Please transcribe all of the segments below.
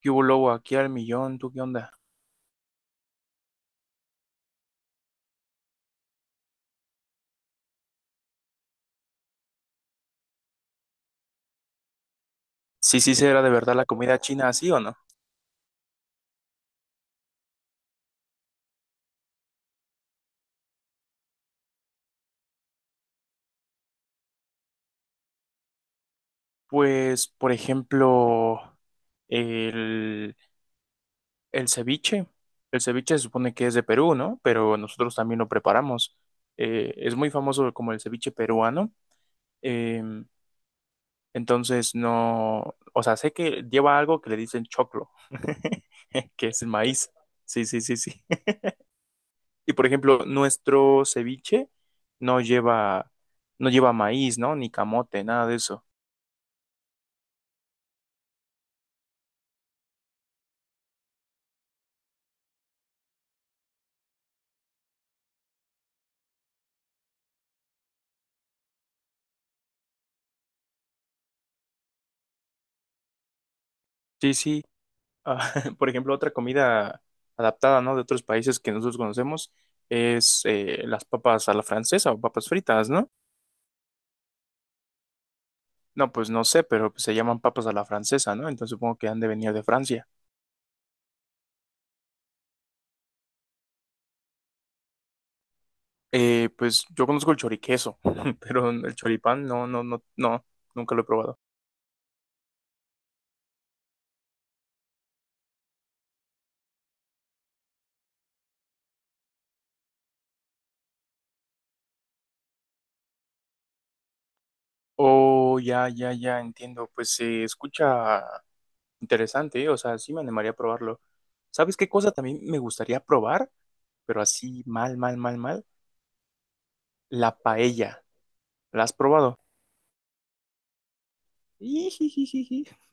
¿Qué hubo, lobo? Aquí al millón, ¿tú qué onda? Sí, sí, será de verdad la comida china así o no. Pues, por ejemplo, el, el ceviche. El ceviche se supone que es de Perú, ¿no? Pero nosotros también lo preparamos. Es muy famoso como el ceviche peruano. Eh, entonces, no, o sea, sé que lleva algo que le dicen choclo, que es el maíz. Sí, sí, sí, sí. Y por ejemplo, nuestro ceviche no lleva, no lleva maíz, ¿no? Ni camote, nada de eso. Sí, sí. Ah, por ejemplo, otra comida adaptada, ¿no? De otros países que nosotros conocemos es las papas a la francesa o papas fritas, ¿no? No, pues no sé, pero pues, se llaman papas a la francesa, ¿no? Entonces supongo que han de venir de Francia. Pues yo conozco el choriqueso, pero el choripán no, no, no, no, nunca lo he probado. Oh, ya, ya, ya, entiendo. Pues se escucha interesante, ¿eh? O sea, sí me animaría a probarlo. ¿Sabes qué cosa también me gustaría probar? Pero así mal, mal, mal, mal. La paella. ¿La has probado?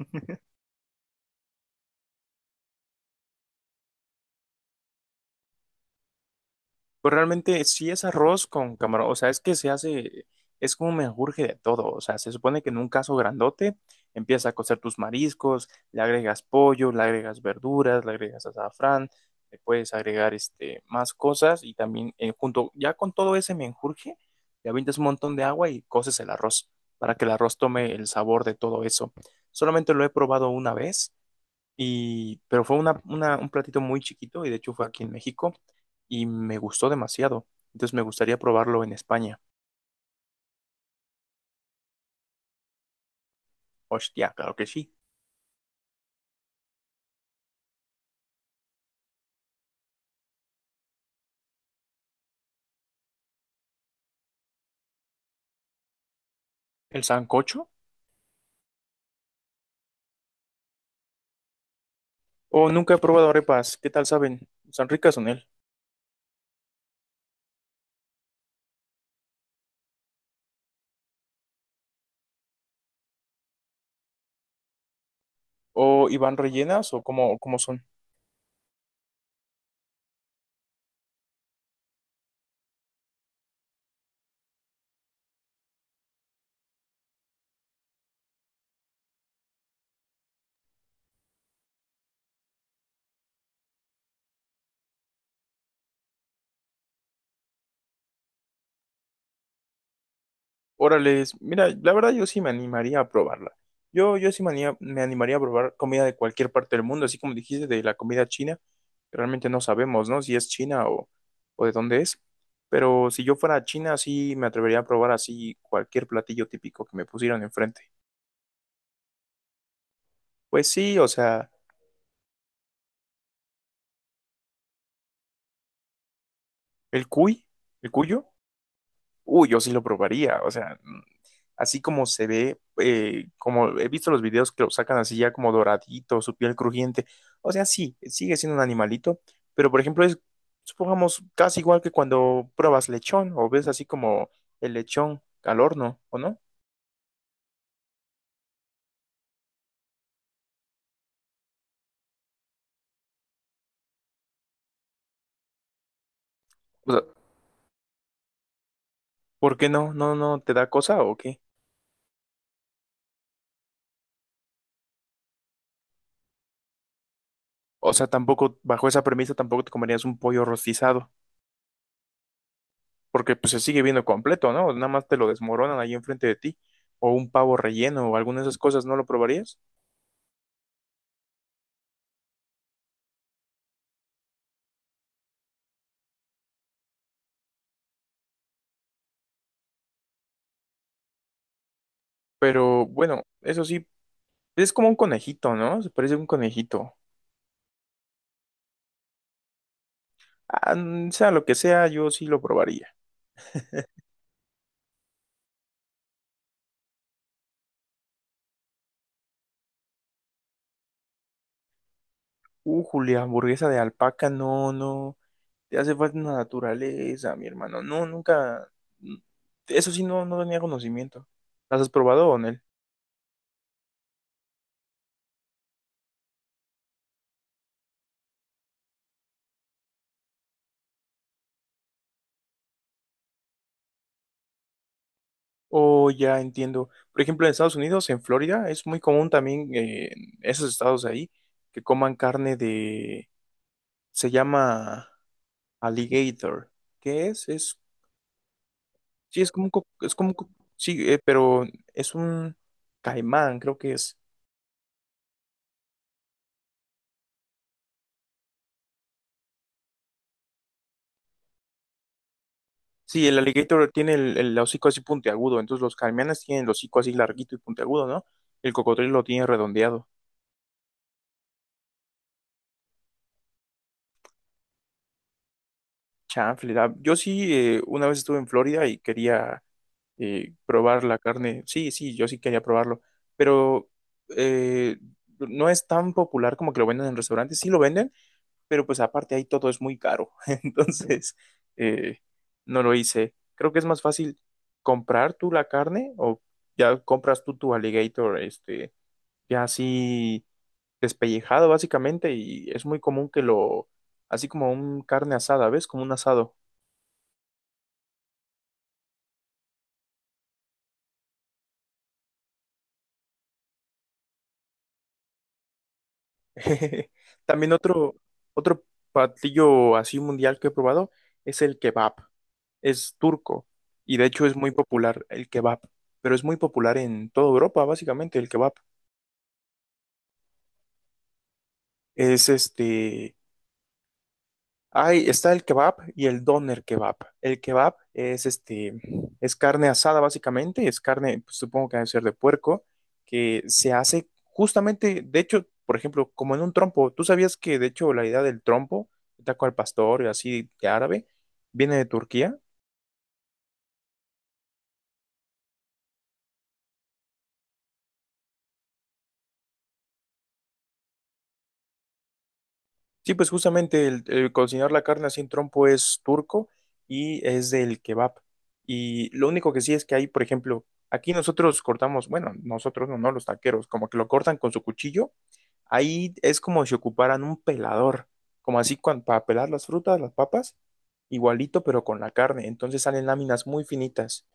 Pues realmente sí es arroz con camarón, o sea, es que se hace, es como un menjurje de todo, o sea, se supone que en un caso grandote empiezas a cocer tus mariscos, le agregas pollo, le agregas verduras, le agregas azafrán, le puedes agregar este, más cosas y también junto, ya con todo ese menjurje, le avientas un montón de agua y coces el arroz para que el arroz tome el sabor de todo eso. Solamente lo he probado una vez y, pero fue un platito muy chiquito y de hecho fue aquí en México y me gustó demasiado. Entonces me gustaría probarlo en España. Hostia, claro que sí. ¿El sancocho? O nunca he probado arepas. ¿Qué tal saben? ¿Están ricas son él? ¿O Iván rellenas o cómo, cómo son? Órale, mira, la verdad yo sí me animaría a probarla. Yo sí me animaría a probar comida de cualquier parte del mundo, así como dijiste de la comida china. Realmente no sabemos, ¿no? Si es china o de dónde es. Pero si yo fuera a China, sí me atrevería a probar así cualquier platillo típico que me pusieran enfrente. Pues sí, o sea, el cuy, el cuyo. Uy, yo sí lo probaría, o sea, así como se ve, como he visto los videos que lo sacan así ya como doradito, su piel crujiente, o sea, sí, sigue siendo un animalito, pero por ejemplo es, supongamos, casi igual que cuando pruebas lechón o ves así como el lechón al horno, ¿o no? O sea, ¿por qué no? ¿No, no te da cosa o qué? O sea, tampoco, bajo esa premisa, tampoco te comerías un pollo rostizado. Porque pues se sigue viendo completo, ¿no? Nada más te lo desmoronan ahí enfrente de ti, o un pavo relleno o alguna de esas cosas, ¿no lo probarías? Pero bueno, eso sí, es como un conejito, ¿no? Se parece a un conejito. Ah, sea lo que sea, yo sí lo probaría. Julia, hamburguesa de alpaca, no, no, te hace falta una naturaleza, mi hermano, no, nunca, mm, eso sí, no, no tenía conocimiento. ¿Las has probado, Onel? Oh, ya entiendo. Por ejemplo, en Estados Unidos, en Florida, es muy común también en esos estados ahí que coman carne de, se llama alligator. ¿Qué es? Sí, es como es como un co- sí, pero es un caimán, creo que es. Sí, el alligator tiene el hocico así puntiagudo, entonces los caimanes tienen el hocico así larguito y puntiagudo, ¿no? El cocodrilo lo tiene redondeado. Chanfle, yo sí, una vez estuve en Florida y quería probar la carne. Sí, sí, yo sí quería probarlo, pero eh, no es tan popular como que lo venden en restaurantes. Sí lo venden, pero pues aparte ahí todo es muy caro. Entonces, eh, no lo hice. Creo que es más fácil comprar tú la carne o ya compras tú tu alligator, este, ya así despellejado básicamente y es muy común que lo, así como un carne asada, ¿ves? Como un asado. También otro platillo así mundial que he probado es el kebab. Es turco y de hecho es muy popular el kebab, pero es muy popular en toda Europa, básicamente el kebab. Es este, ay, está el kebab y el doner kebab. El kebab es este, es carne asada básicamente, es carne, pues, supongo que debe ser de puerco, que se hace justamente, de hecho, por ejemplo, como en un trompo. ¿Tú sabías que de hecho la idea del trompo, taco al pastor y así de árabe, viene de Turquía? Sí, pues justamente el cocinar la carne así en trompo es turco y es del kebab. Y lo único que sí es que hay, por ejemplo, aquí nosotros cortamos, bueno, nosotros no, no, los taqueros, como que lo cortan con su cuchillo. Ahí es como si ocuparan un pelador, como así para pelar las frutas, las papas, igualito, pero con la carne. Entonces salen láminas muy finitas.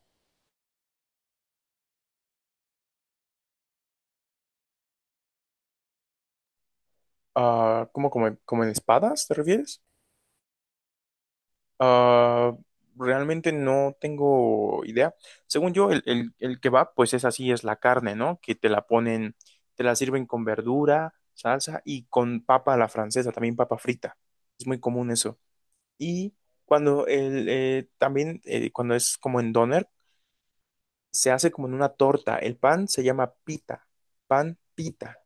Ah, ¿cómo como, como en espadas, te refieres? Ah, realmente no tengo idea. Según yo, el kebab, pues es así, es la carne, ¿no? Que te la ponen, te la sirven con verdura, salsa y con papa a la francesa, también papa frita. Es muy común eso. Y cuando también, cuando es como en doner, se hace como en una torta. El pan se llama pita, pan pita.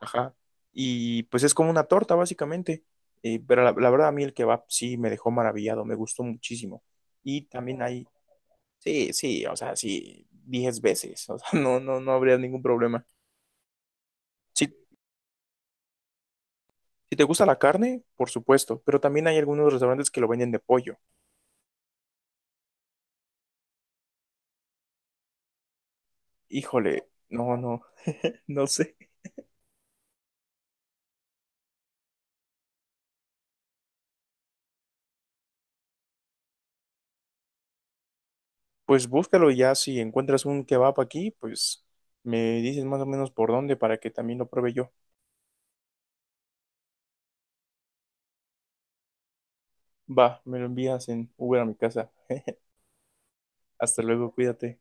Ajá. Y pues es como una torta, básicamente. Pero la verdad, a mí el kebab sí me dejó maravillado, me gustó muchísimo. Y también hay, sí, sí, o sea, sí, 10 veces, o sea, no, no, no habría ningún problema. Si, si te gusta la carne, por supuesto, pero también hay algunos restaurantes que lo venden de pollo. Híjole, no, no, no sé. Pues búscalo y ya, si encuentras un kebab aquí, pues me dices más o menos por dónde para que también lo pruebe yo. Va, me lo envías en Uber a mi casa. Hasta luego, cuídate.